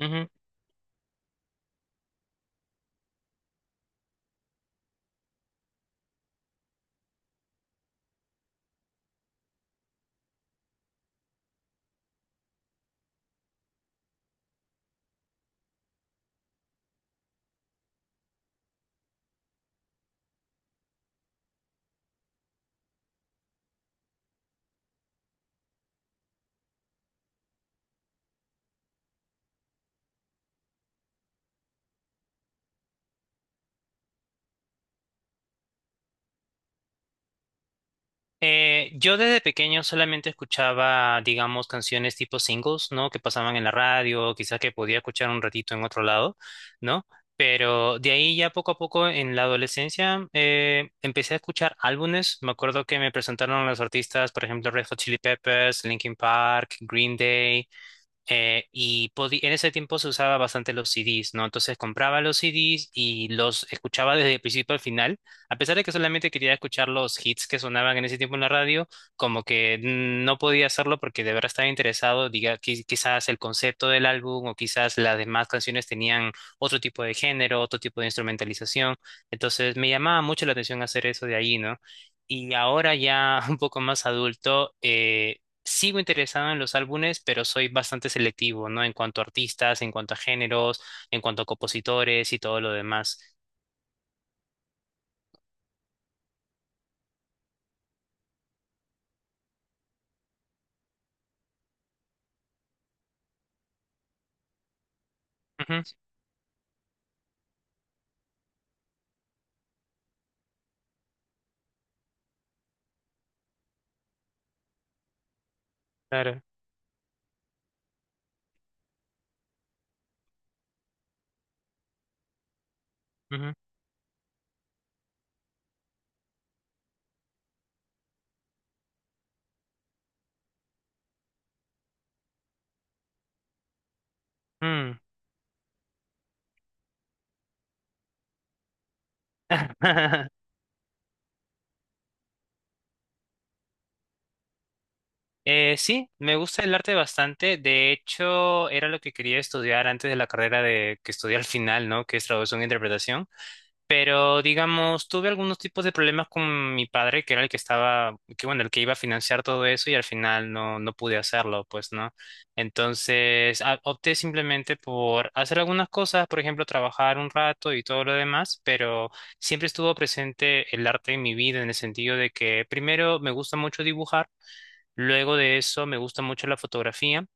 Ujú. Yo desde pequeño solamente escuchaba, digamos, canciones tipo singles, ¿no? Que pasaban en la radio, quizás que podía escuchar un ratito en otro lado, ¿no? Pero de ahí ya poco a poco en la adolescencia empecé a escuchar álbumes. Me acuerdo que me presentaron los artistas, por ejemplo, Red Hot Chili Peppers, Linkin Park, Green Day. En ese tiempo se usaba bastante los CDs, ¿no? Entonces compraba los CDs y los escuchaba desde el principio al final, a pesar de que solamente quería escuchar los hits que sonaban en ese tiempo en la radio, como que no podía hacerlo porque de verdad estaba interesado, quizás el concepto del álbum o quizás las demás canciones tenían otro tipo de género, otro tipo de instrumentalización, entonces me llamaba mucho la atención hacer eso de ahí, ¿no? Y ahora ya un poco más adulto, sigo interesado en los álbumes, pero soy bastante selectivo, ¿no? En cuanto a artistas, en cuanto a géneros, en cuanto a compositores y todo lo demás. Ujú, claro. Ujú, mm. Sí, me gusta el arte bastante. De hecho, era lo que quería estudiar antes de la carrera de que estudié al final, ¿no? Que es traducción e interpretación. Pero, digamos, tuve algunos tipos de problemas con mi padre, que era el que estaba, que bueno, el que iba a financiar todo eso y al final no, no pude hacerlo, pues, ¿no? Entonces, opté simplemente por hacer algunas cosas, por ejemplo, trabajar un rato y todo lo demás, pero siempre estuvo presente el arte en mi vida en el sentido de que primero me gusta mucho dibujar, luego de eso me gusta mucho la fotografía.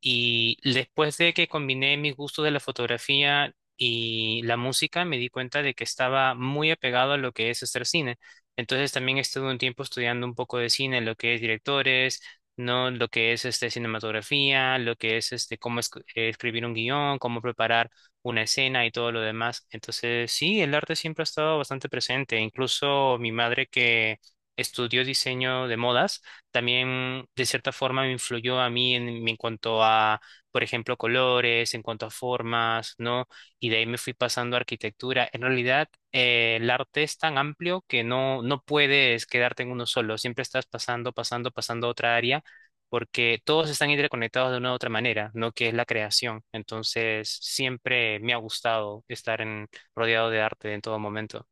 Y después de que combiné mis gustos de la fotografía y la música, me di cuenta de que estaba muy apegado a lo que es hacer cine. Entonces también estuve un tiempo estudiando un poco de cine, lo que es directores, no lo que es este cinematografía, lo que es este cómo escribir un guión, cómo preparar una escena y todo lo demás. Entonces, sí, el arte siempre ha estado bastante presente. Incluso mi madre que estudió diseño de modas también de cierta forma me influyó a mí en cuanto a, por ejemplo, colores, en cuanto a formas, ¿no? Y de ahí me fui pasando a arquitectura. En realidad, el arte es tan amplio que no, no puedes quedarte en uno solo, siempre estás pasando, pasando, pasando a otra área, porque todos están interconectados de una u otra manera, ¿no? Que es la creación. Entonces, siempre me ha gustado estar rodeado de arte en todo momento.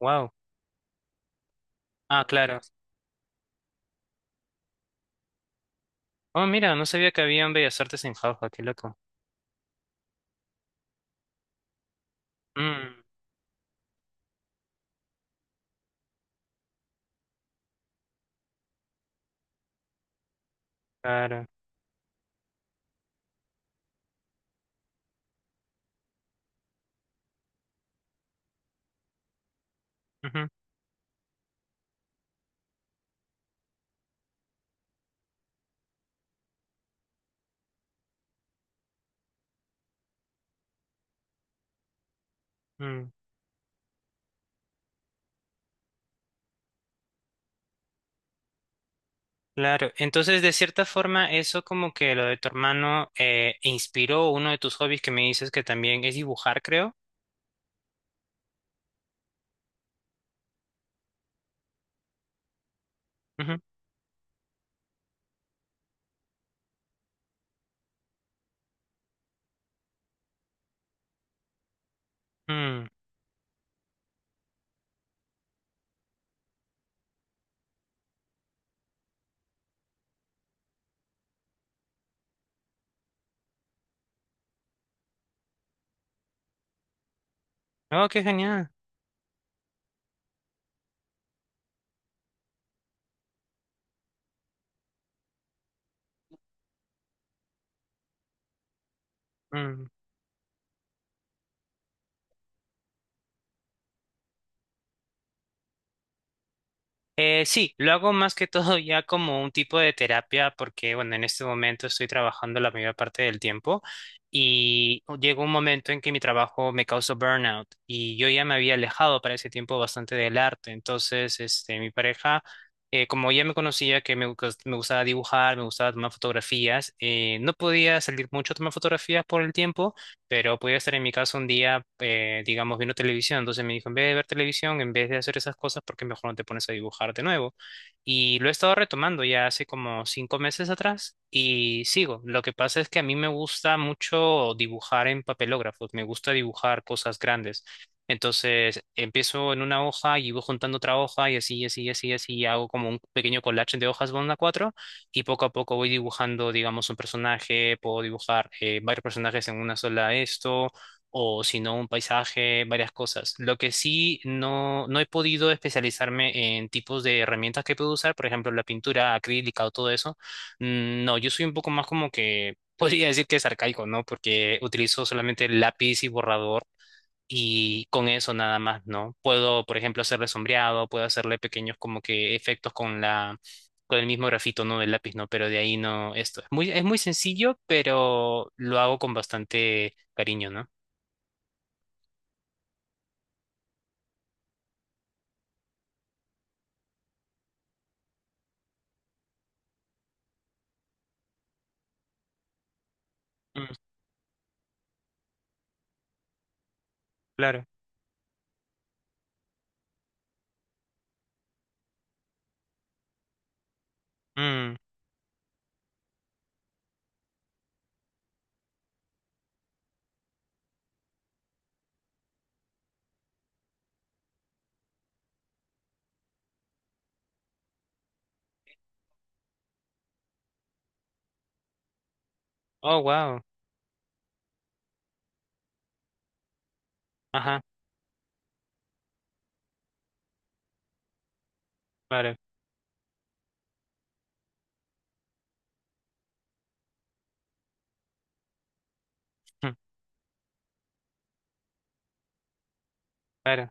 Wow. Ah, claro. Oh, mira, no sabía que habían bellas artes en Jauja, qué loco. Mm, claro. Ujú, mm, claro. Entonces, de cierta forma, eso como que lo de tu hermano inspiró uno de tus hobbies que me dices que también es dibujar, creo. Ujú, mm. Oh, qué genial. Mm. Sí, lo hago más que todo ya como un tipo de terapia porque, bueno, en este momento estoy trabajando la mayor parte del tiempo y llegó un momento en que mi trabajo me causó burnout y yo ya me había alejado para ese tiempo bastante del arte. Entonces, este, mi pareja, como ya me conocía que me gustaba dibujar, me gustaba tomar fotografías, no podía salir mucho a tomar fotografías por el tiempo. Pero podía estar en mi casa un día, digamos, viendo televisión. Entonces me dijo, en vez de ver televisión, en vez de hacer esas cosas, ¿por qué mejor no te pones a dibujar de nuevo? Y lo he estado retomando ya hace como 5 meses atrás y sigo. Lo que pasa es que a mí me gusta mucho dibujar en papelógrafos. Me gusta dibujar cosas grandes. Entonces empiezo en una hoja y voy juntando otra hoja y así, y así, y así, y así, y hago como un pequeño collage de hojas bond cuatro y poco a poco voy dibujando, digamos, un personaje, puedo dibujar varios personajes en una sola esto, o si no, un paisaje, varias cosas. Lo que sí no, no he podido especializarme en tipos de herramientas que puedo usar, por ejemplo, la pintura acrílica o todo eso. Mm, no, yo soy un poco más como que... Podría decir que es arcaico, ¿no? Porque utilizo solamente lápiz y borrador y con eso nada más, ¿no? Puedo, por ejemplo, hacerle sombreado, puedo hacerle pequeños como que efectos con la, con el mismo grafito, ¿no? Del lápiz, ¿no? Pero de ahí no, esto. Es muy sencillo, pero lo hago con bastante cariño, ¿no? Mm, claro. Mm. Oh, wow. Ajá, claro. Mm, claro.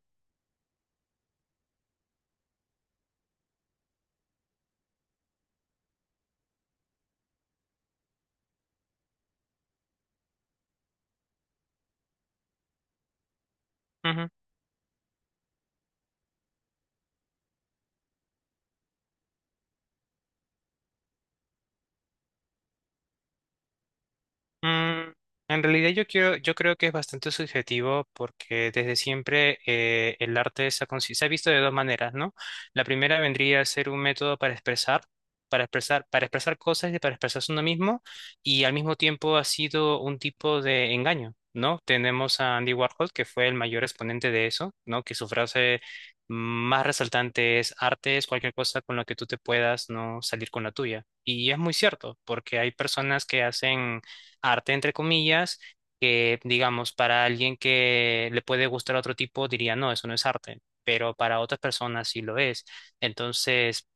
Mm, en realidad yo creo que es bastante subjetivo porque desde siempre el arte se ha visto de dos maneras, ¿no? La primera vendría a ser un método para expresar, cosas y para expresarse uno mismo, y al mismo tiempo ha sido un tipo de engaño, ¿no? Tenemos a Andy Warhol, que fue el mayor exponente de eso, ¿no? Que su frase más resaltante es: arte es cualquier cosa con la que tú te puedas no salir con la tuya. Y es muy cierto, porque hay personas que hacen arte, entre comillas, que digamos, para alguien que le puede gustar otro tipo, diría, no, eso no es arte, pero para otras personas sí lo es. Entonces,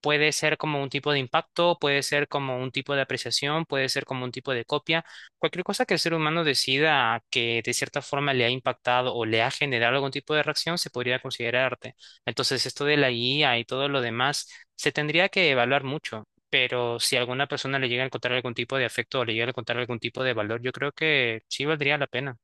puede ser como un tipo de impacto, puede ser como un tipo de apreciación, puede ser como un tipo de copia. Cualquier cosa que el ser humano decida que de cierta forma le ha impactado o le ha generado algún tipo de reacción, se podría considerar arte. Entonces, esto de la IA y todo lo demás se tendría que evaluar mucho, pero si a alguna persona le llega a encontrar algún tipo de afecto o le llega a encontrar algún tipo de valor, yo creo que sí valdría la pena.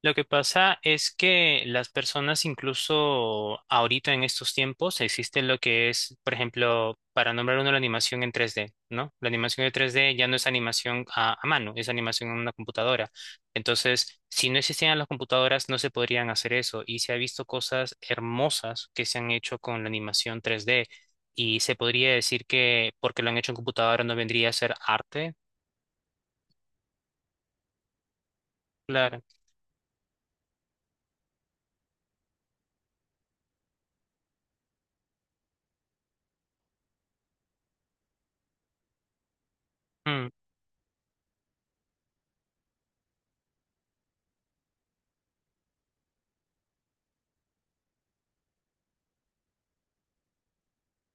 Lo que pasa es que las personas, incluso ahorita en estos tiempos, existe lo que es, por ejemplo, para nombrar uno, la animación en 3D, ¿no? La animación en tres d ya no es animación a mano, es animación en una computadora. Entonces, si no existieran las computadoras, no se podrían hacer eso. Y se ha visto cosas hermosas que se han hecho con la animación 3D. Y se podría decir que porque lo han hecho en computadora no vendría a ser arte. Claro. Mm.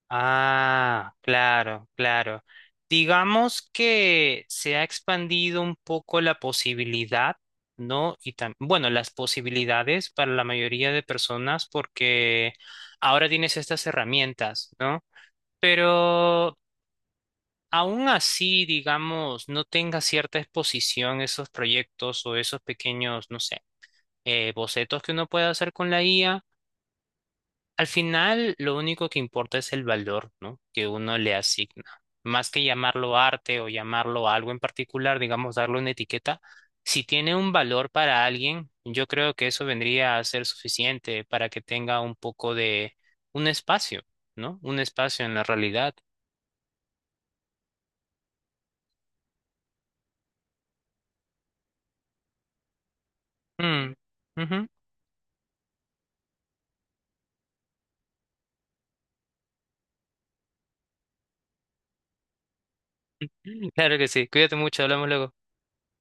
Ah, claro, claro. Digamos que se ha expandido un poco la posibilidad, ¿no? Y bueno, las posibilidades para la mayoría de personas porque ahora tienes estas herramientas, ¿no? Pero aún así, digamos, no tenga cierta exposición esos proyectos o esos pequeños, no sé, bocetos que uno puede hacer con la IA. Al final, lo único que importa es el valor, ¿no? Que uno le asigna. Más que llamarlo arte o llamarlo algo en particular, digamos, darle una etiqueta, si tiene un valor para alguien, yo creo que eso vendría a ser suficiente para que tenga un poco de un espacio, ¿no? Un espacio en la realidad. Mm, ujú. Claro que sí. Cuídate mucho, hablamos luego.